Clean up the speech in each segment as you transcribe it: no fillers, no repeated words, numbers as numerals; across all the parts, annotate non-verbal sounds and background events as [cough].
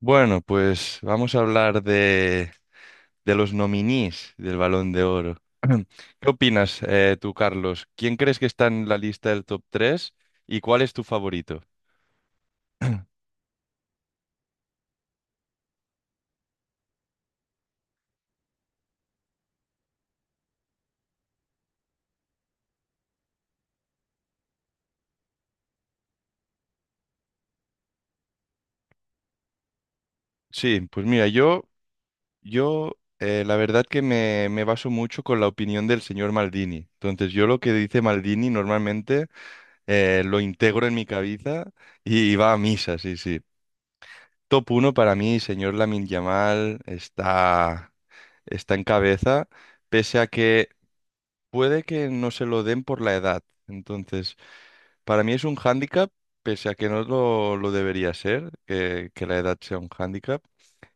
Bueno, pues vamos a hablar de los nominees del Balón de Oro. [clears throat] ¿Qué opinas, tú, Carlos? ¿Quién crees que está en la lista del top 3 y cuál es tu favorito? [clears throat] Sí, pues mira, yo, la verdad que me baso mucho con la opinión del señor Maldini. Entonces, yo lo que dice Maldini normalmente lo integro en mi cabeza y va a misa, sí, sí. Top uno para mí, señor Lamin Yamal, está en cabeza, pese a que puede que no se lo den por la edad. Entonces, para mí es un hándicap, pese a que no lo, lo debería ser, que la edad sea un hándicap,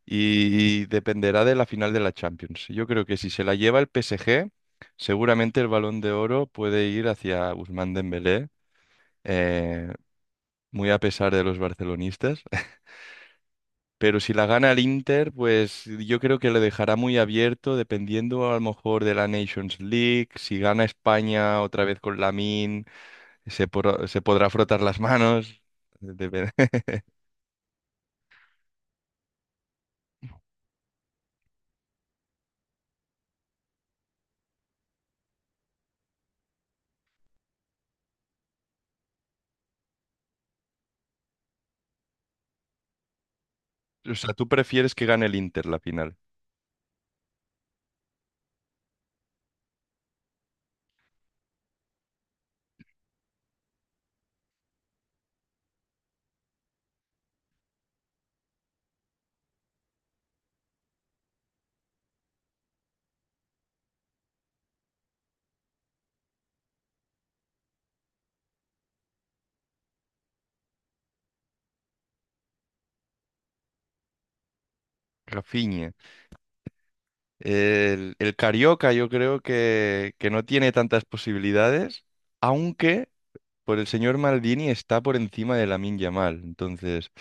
y dependerá de la final de la Champions. Yo creo que si se la lleva el PSG, seguramente el Balón de Oro puede ir hacia Ousmane Dembélé, eh, muy a pesar de los barcelonistas. Pero si la gana el Inter, pues yo creo que le dejará muy abierto, dependiendo a lo mejor de la Nations League. Si gana España otra vez con Lamine, se podrá frotar las manos. Dep- [laughs] O sea, tú prefieres que gane el Inter la final. Rafinha. El Carioca yo creo que no tiene tantas posibilidades, aunque por el señor Maldini está por encima de Lamine Yamal. Entonces,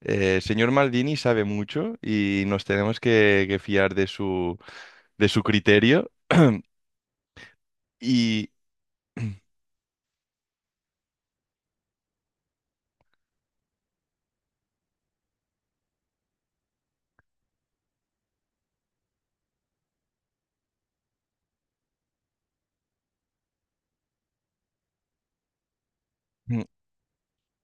el señor Maldini sabe mucho y nos tenemos que fiar de su criterio. Y [clears throat]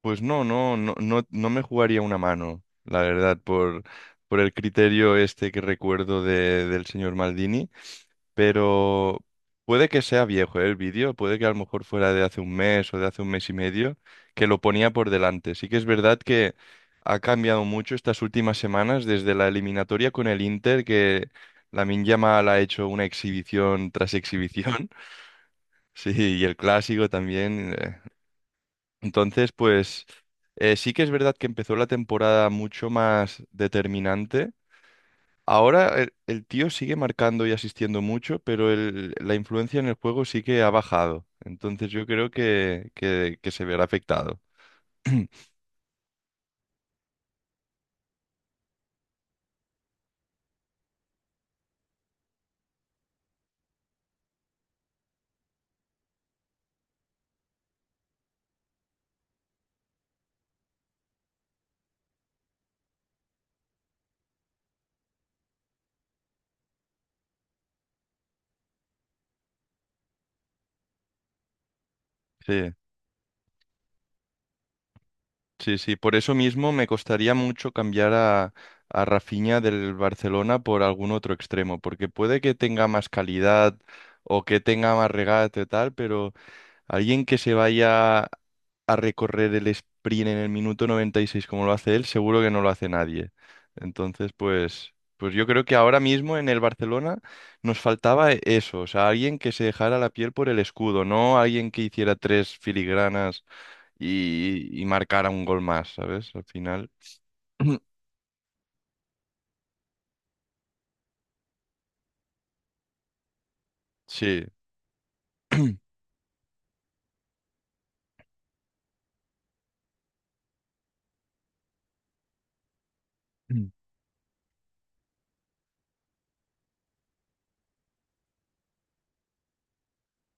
Pues no me jugaría una mano, la verdad, por el criterio este que recuerdo del señor Maldini, pero puede que sea viejo, ¿eh? El vídeo, puede que a lo mejor fuera de hace un mes o de hace un mes y medio, que lo ponía por delante. Sí que es verdad que ha cambiado mucho estas últimas semanas desde la eliminatoria con el Inter, que Lamine Yamal ha hecho una exhibición tras exhibición, [laughs] sí, y el clásico también. Entonces, pues sí que es verdad que empezó la temporada mucho más determinante. Ahora el tío sigue marcando y asistiendo mucho, pero la influencia en el juego sí que ha bajado. Entonces yo creo que se verá afectado. [clears throat] Sí, sí, sí. Por eso mismo me costaría mucho cambiar a Rafinha del Barcelona por algún otro extremo, porque puede que tenga más calidad o que tenga más regate y tal, pero alguien que se vaya a recorrer el sprint en el minuto 96 como lo hace él, seguro que no lo hace nadie. Entonces, pues yo creo que ahora mismo en el Barcelona nos faltaba eso, o sea, alguien que se dejara la piel por el escudo, no alguien que hiciera tres filigranas y marcara un gol más, ¿sabes? Al final, [clears throat] sí. Mm.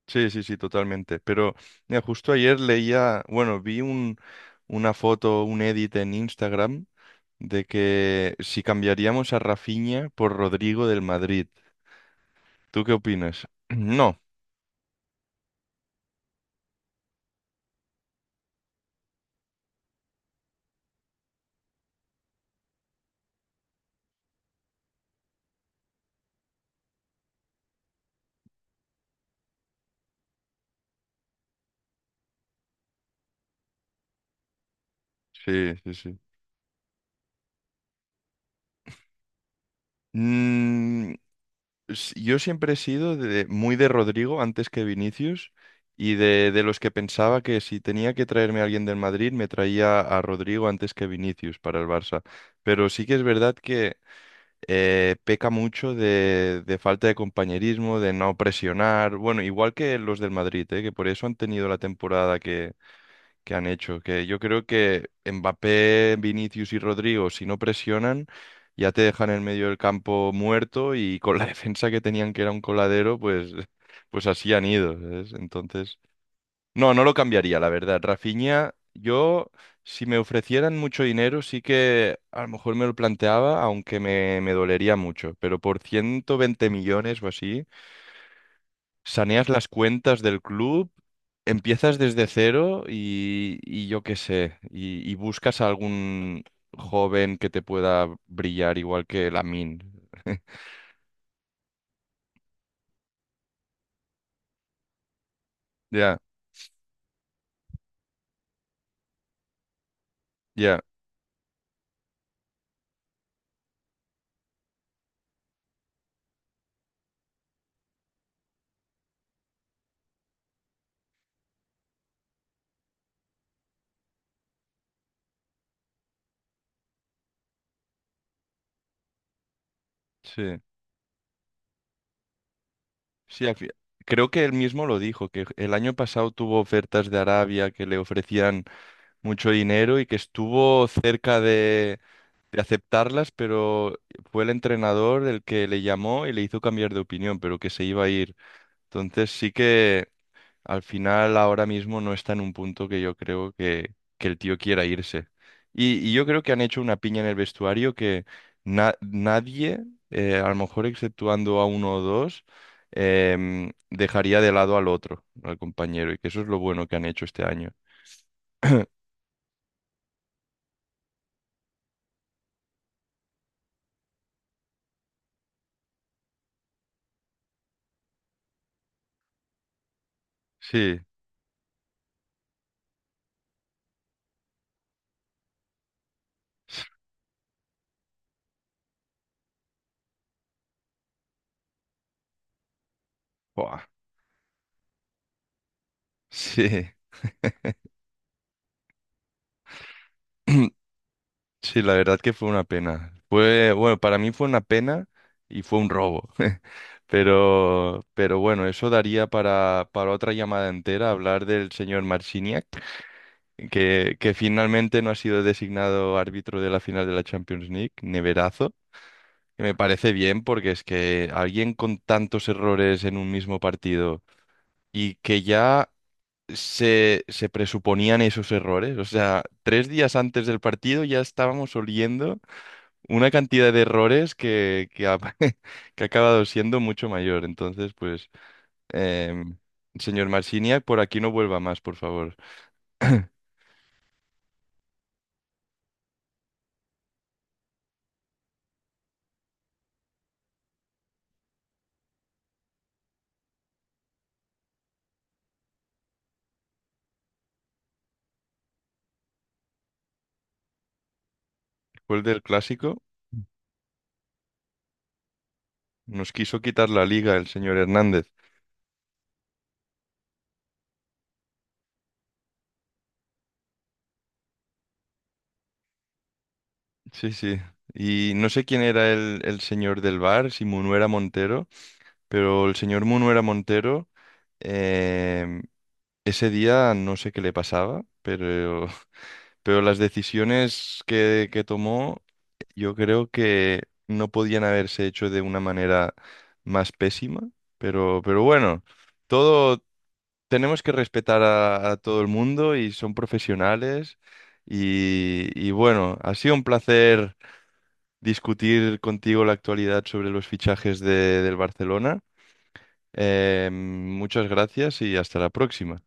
Sí, sí, sí, totalmente. Pero mira, justo ayer leía, bueno, una foto, un edit en Instagram de que si cambiaríamos a Rafinha por Rodrigo del Madrid. ¿Tú qué opinas? [clears throat] No, sí, sí, sí. Mm, yo siempre he sido muy de Rodrigo antes que Vinicius y de los que pensaba que si tenía que traerme a alguien del Madrid, me traía a Rodrigo antes que Vinicius para el Barça. Pero sí que es verdad que peca mucho de falta de compañerismo, de no presionar. Bueno, igual que los del Madrid, que por eso han tenido la temporada que han hecho. Que yo creo que Mbappé, Vinicius y Rodrigo, si no presionan, ya te dejan en medio del campo muerto y con la [laughs] defensa que tenían que era un coladero, pues así han ido, ¿sabes? Entonces, no, no lo cambiaría, la verdad. Rafinha, yo, si me ofrecieran mucho dinero, sí que a lo mejor me lo planteaba, aunque me dolería mucho, pero por 120 millones o así saneas las cuentas del club, empiezas desde cero y yo qué sé, y buscas a algún joven que te pueda brillar igual que Lamine. Ya, ya, sí. Sí, creo que él mismo lo dijo, que el año pasado tuvo ofertas de Arabia que le ofrecían mucho dinero y que estuvo cerca de aceptarlas, pero fue el entrenador el que le llamó y le hizo cambiar de opinión, pero que se iba a ir. Entonces sí que... Al final, ahora mismo no está en un punto que yo creo que el tío quiera irse. Y yo creo que han hecho una piña en el vestuario que nadie, a lo mejor exceptuando a uno o dos, dejaría de lado al otro, al compañero. Y que eso es lo bueno que han hecho este año. Sí. Buah, sí. [clears throat] Sí, la verdad que fue una pena. Fue, bueno, para mí fue una pena y fue un robo. [laughs] Pero bueno, eso daría para otra llamada entera hablar del señor Marciniak, que finalmente no ha sido designado árbitro de la final de la Champions League, neverazo. Que Me parece bien porque es que alguien con tantos errores en un mismo partido y que ya se presuponían esos errores, o sea, tres días antes del partido ya estábamos oliendo una cantidad de errores [laughs] que ha acabado siendo mucho mayor. Entonces, pues, em, señor Marciniak, por aquí no vuelva más, por favor. [clears throat] Después del clásico, nos quiso quitar la liga el señor Hernández. Sí, sí. Y no sé quién era el señor del bar, si Munuera Montero, pero el señor Munuera Montero, em, ese día no sé qué le pasaba, pero las decisiones que tomó, yo creo que no podían haberse hecho de una manera más pésima. Pero bueno, todo tenemos que respetar a todo el mundo y son profesionales. Y bueno, ha sido un placer discutir contigo la actualidad sobre los fichajes del Barcelona. Muchas gracias y hasta la próxima.